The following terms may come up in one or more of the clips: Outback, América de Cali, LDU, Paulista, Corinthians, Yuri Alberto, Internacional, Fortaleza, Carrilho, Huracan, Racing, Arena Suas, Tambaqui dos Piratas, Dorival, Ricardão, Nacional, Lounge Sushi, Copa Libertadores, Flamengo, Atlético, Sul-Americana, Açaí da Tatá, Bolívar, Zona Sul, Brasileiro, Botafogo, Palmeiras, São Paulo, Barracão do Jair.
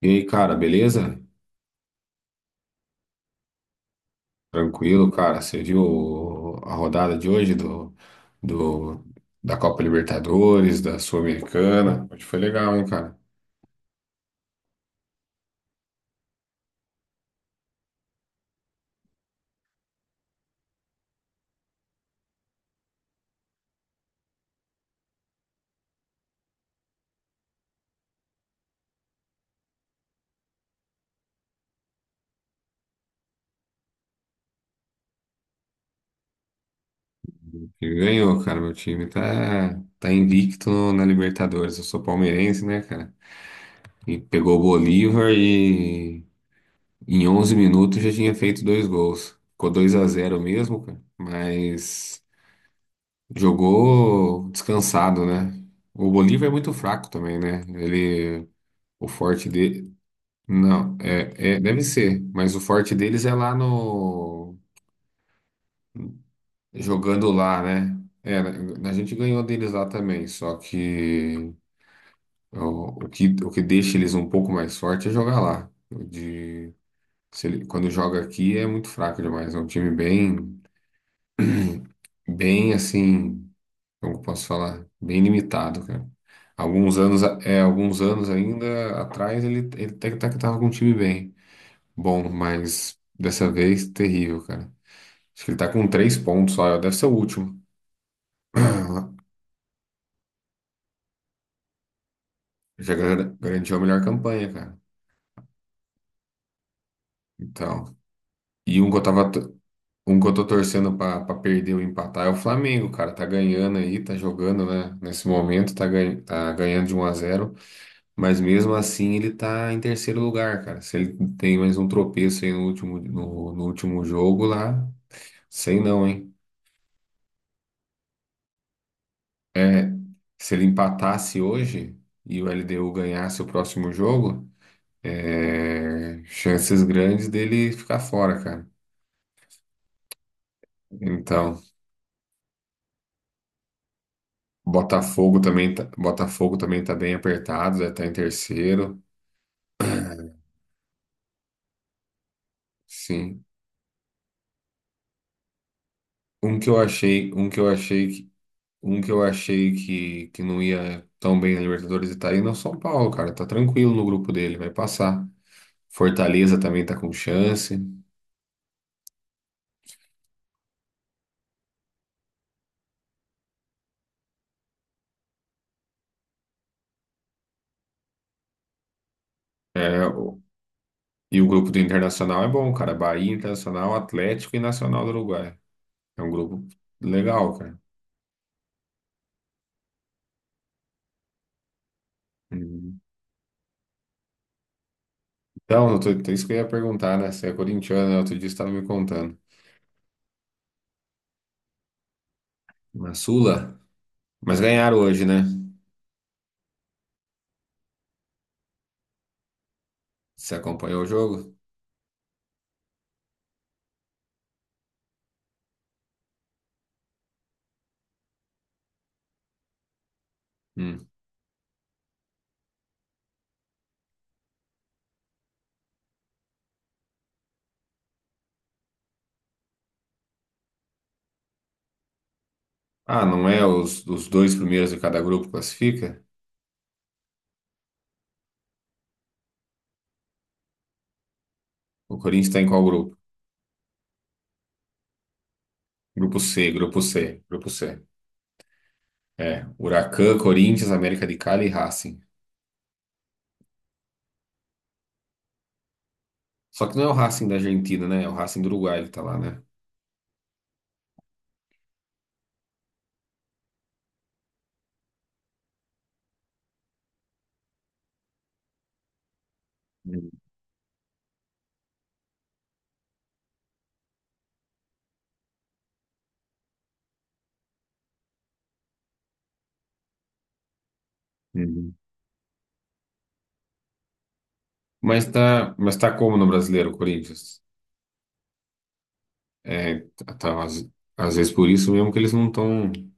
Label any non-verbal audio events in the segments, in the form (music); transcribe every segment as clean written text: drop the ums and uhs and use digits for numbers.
E aí, cara, beleza? Tranquilo, cara. Você viu a rodada de hoje do- da Copa Libertadores, da Sul-Americana? Hoje foi legal, hein, cara? E ganhou, cara. Meu time tá invicto na Libertadores. Eu sou palmeirense, né, cara? E pegou o Bolívar e em 11 minutos já tinha feito dois gols. Ficou 2-0 mesmo, cara. Mas jogou descansado, né? O Bolívar é muito fraco também, né? Ele O forte de. Não, deve ser, mas o forte deles é lá no. Jogando lá, né? É, a gente ganhou deles lá também, só que o que deixa eles um pouco mais forte é jogar lá. O De, se ele- quando joga aqui é muito fraco demais, é um time bem assim, como eu posso falar, bem limitado, cara. Alguns anos ainda atrás ele até que tava com um time bem. Bom, mas dessa vez terrível, cara. Acho que ele tá com 3 pontos só, deve ser o último. (clears throat) Já garantiu a melhor campanha, cara. Então, e um que eu tava, t- um que eu tô torcendo pra perder ou empatar é o Flamengo, cara. Tá ganhando aí, tá jogando, né? Nesse momento, tá ganhando de 1-0. Mas mesmo assim ele tá em terceiro lugar, cara. Se ele tem mais um tropeço aí no último, no último jogo lá, sei não, hein? É, se ele empatasse hoje e o LDU ganhasse o próximo jogo, é, chances grandes dele ficar fora, cara. Então, Botafogo também tá bem apertado, já tá em terceiro. Sim. Um que eu achei que Um que eu achei que não ia tão bem na Libertadores e tá indo é o São Paulo, cara. Tá tranquilo no grupo dele, vai passar. Fortaleza também tá com chance. E o grupo do Internacional é bom, cara. Bahia, Internacional, Atlético e Nacional do Uruguai. É um grupo legal, cara. Uhum. Então, isso que eu ia perguntar, né? Você é corintiano, né? Outro dia você estava me contando. Na Sula? Mas ganharam hoje, né? Você acompanhou o jogo? Hum. Ah, não é os dois primeiros de cada grupo classifica? O Corinthians está em qual grupo? Grupo C, grupo C, grupo C. É, Huracan, Corinthians, América de Cali e Racing. Só que não é o Racing da Argentina, né? É o Racing do Uruguai que tá lá, né? Uhum. Mas tá como no Brasileiro, o Corinthians? É, tá, tá, às vezes por isso mesmo que eles não estão tão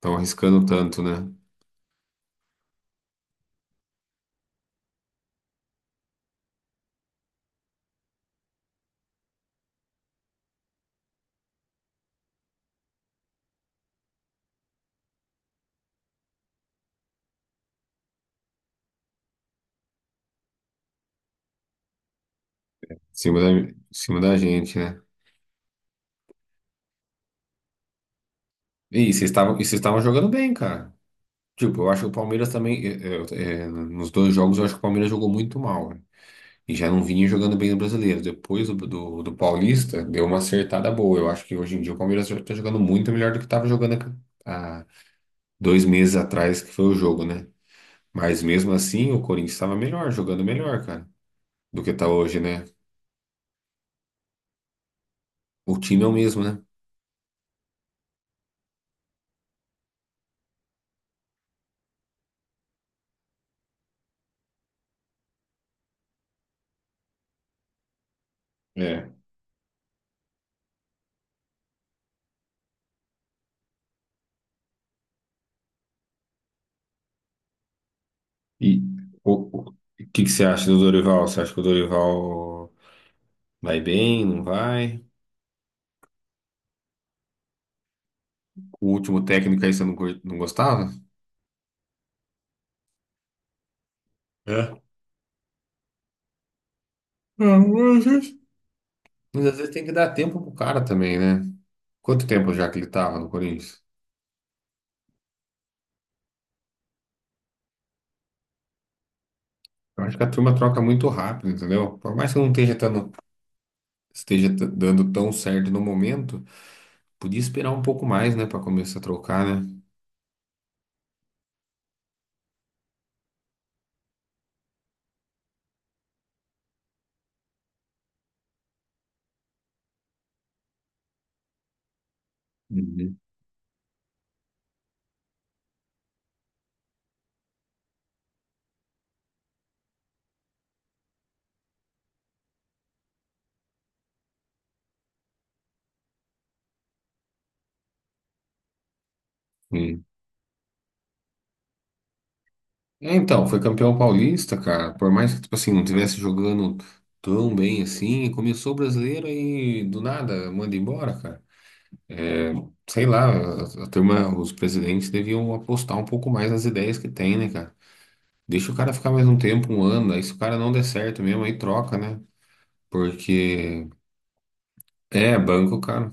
tão arriscando tanto, né? Em cima da gente, né? E vocês estavam jogando bem, cara. Tipo, eu acho que o Palmeiras também, nos dois jogos, eu acho que o Palmeiras jogou muito mal, né? E já não vinha jogando bem no Brasileiro. Depois do Paulista, deu uma acertada boa. Eu acho que hoje em dia o Palmeiras já tá jogando muito melhor do que estava jogando há 2 meses atrás, que foi o jogo, né? Mas mesmo assim, o Corinthians estava melhor, jogando melhor, cara, do que tá hoje, né? O time é o mesmo, né? É. E o que que você acha do Dorival? Você acha que o Dorival vai bem, não vai? O último técnico aí você não, não gostava? É. Não, às vezes. Mas às vezes tem que dar tempo pro cara também, né? Quanto tempo já que ele tava no Corinthians? Eu acho que a turma troca muito rápido, entendeu? Por mais que não esteja dando tão certo no momento, podia esperar um pouco mais, né, pra começar a trocar, né? Sim. É, então, foi campeão paulista, cara. Por mais que, tipo assim, não tivesse jogando tão bem assim, começou o brasileiro e do nada manda embora, cara. É, sei lá, a turma, os presidentes deviam apostar um pouco mais nas ideias que tem, né, cara? Deixa o cara ficar mais um tempo, um ano, aí se o cara não der certo mesmo, aí troca, né? Porque é banco, cara.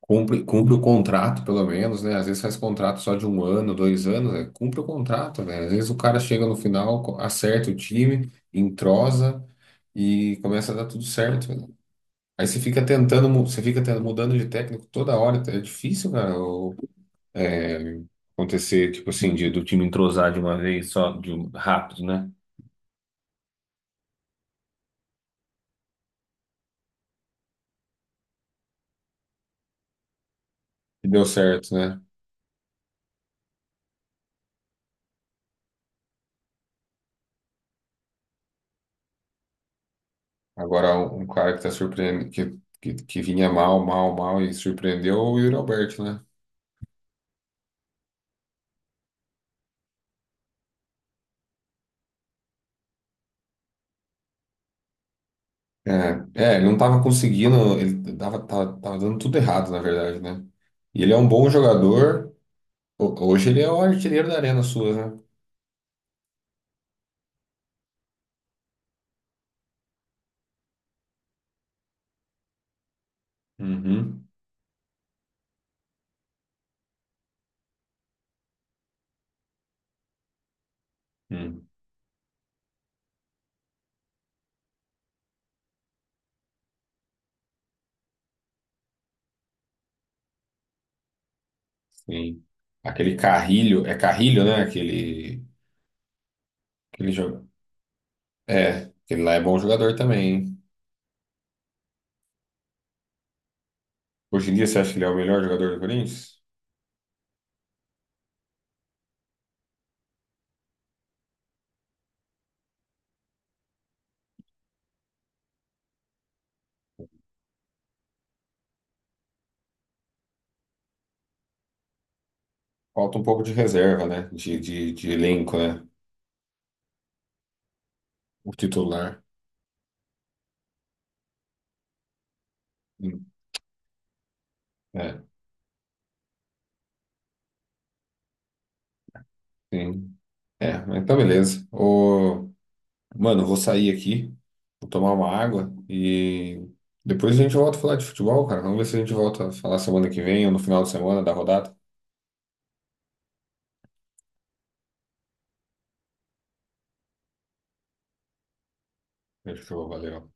Cumpre o contrato, pelo menos, né? Às vezes faz contrato só de um ano, 2 anos, né? Cumpre o contrato, velho. Às vezes o cara chega no final, acerta o time, entrosa e começa a dar tudo certo, né? Aí você fica tentando, mudando de técnico toda hora, é difícil, cara, é, acontecer, tipo assim, do time entrosar de uma vez só, rápido, né? E deu certo, né? Agora, um cara que tá surpreendendo, que vinha mal, mal, mal e surpreendeu é o Yuri Alberto, né? É, ele não tava conseguindo, ele tava dando tudo errado, na verdade, né? E ele é um bom jogador. Hoje ele é o artilheiro da Arena Suas, né? Uhum. Hum, sim. Aquele Carrilho, é Carrilho, né? Aquele jogo. É, aquele lá é bom jogador também, hein? Hoje em dia você acha que ele é o melhor jogador do Corinthians? Falta um pouco de reserva, né? De elenco, né? O titular. Hum, É, sim. É, mas então beleza. Ô. Mano, eu vou sair aqui, vou tomar uma água e depois a gente volta a falar de futebol, cara. Vamos ver se a gente volta a falar semana que vem ou no final de semana da rodada. Fechou, valeu.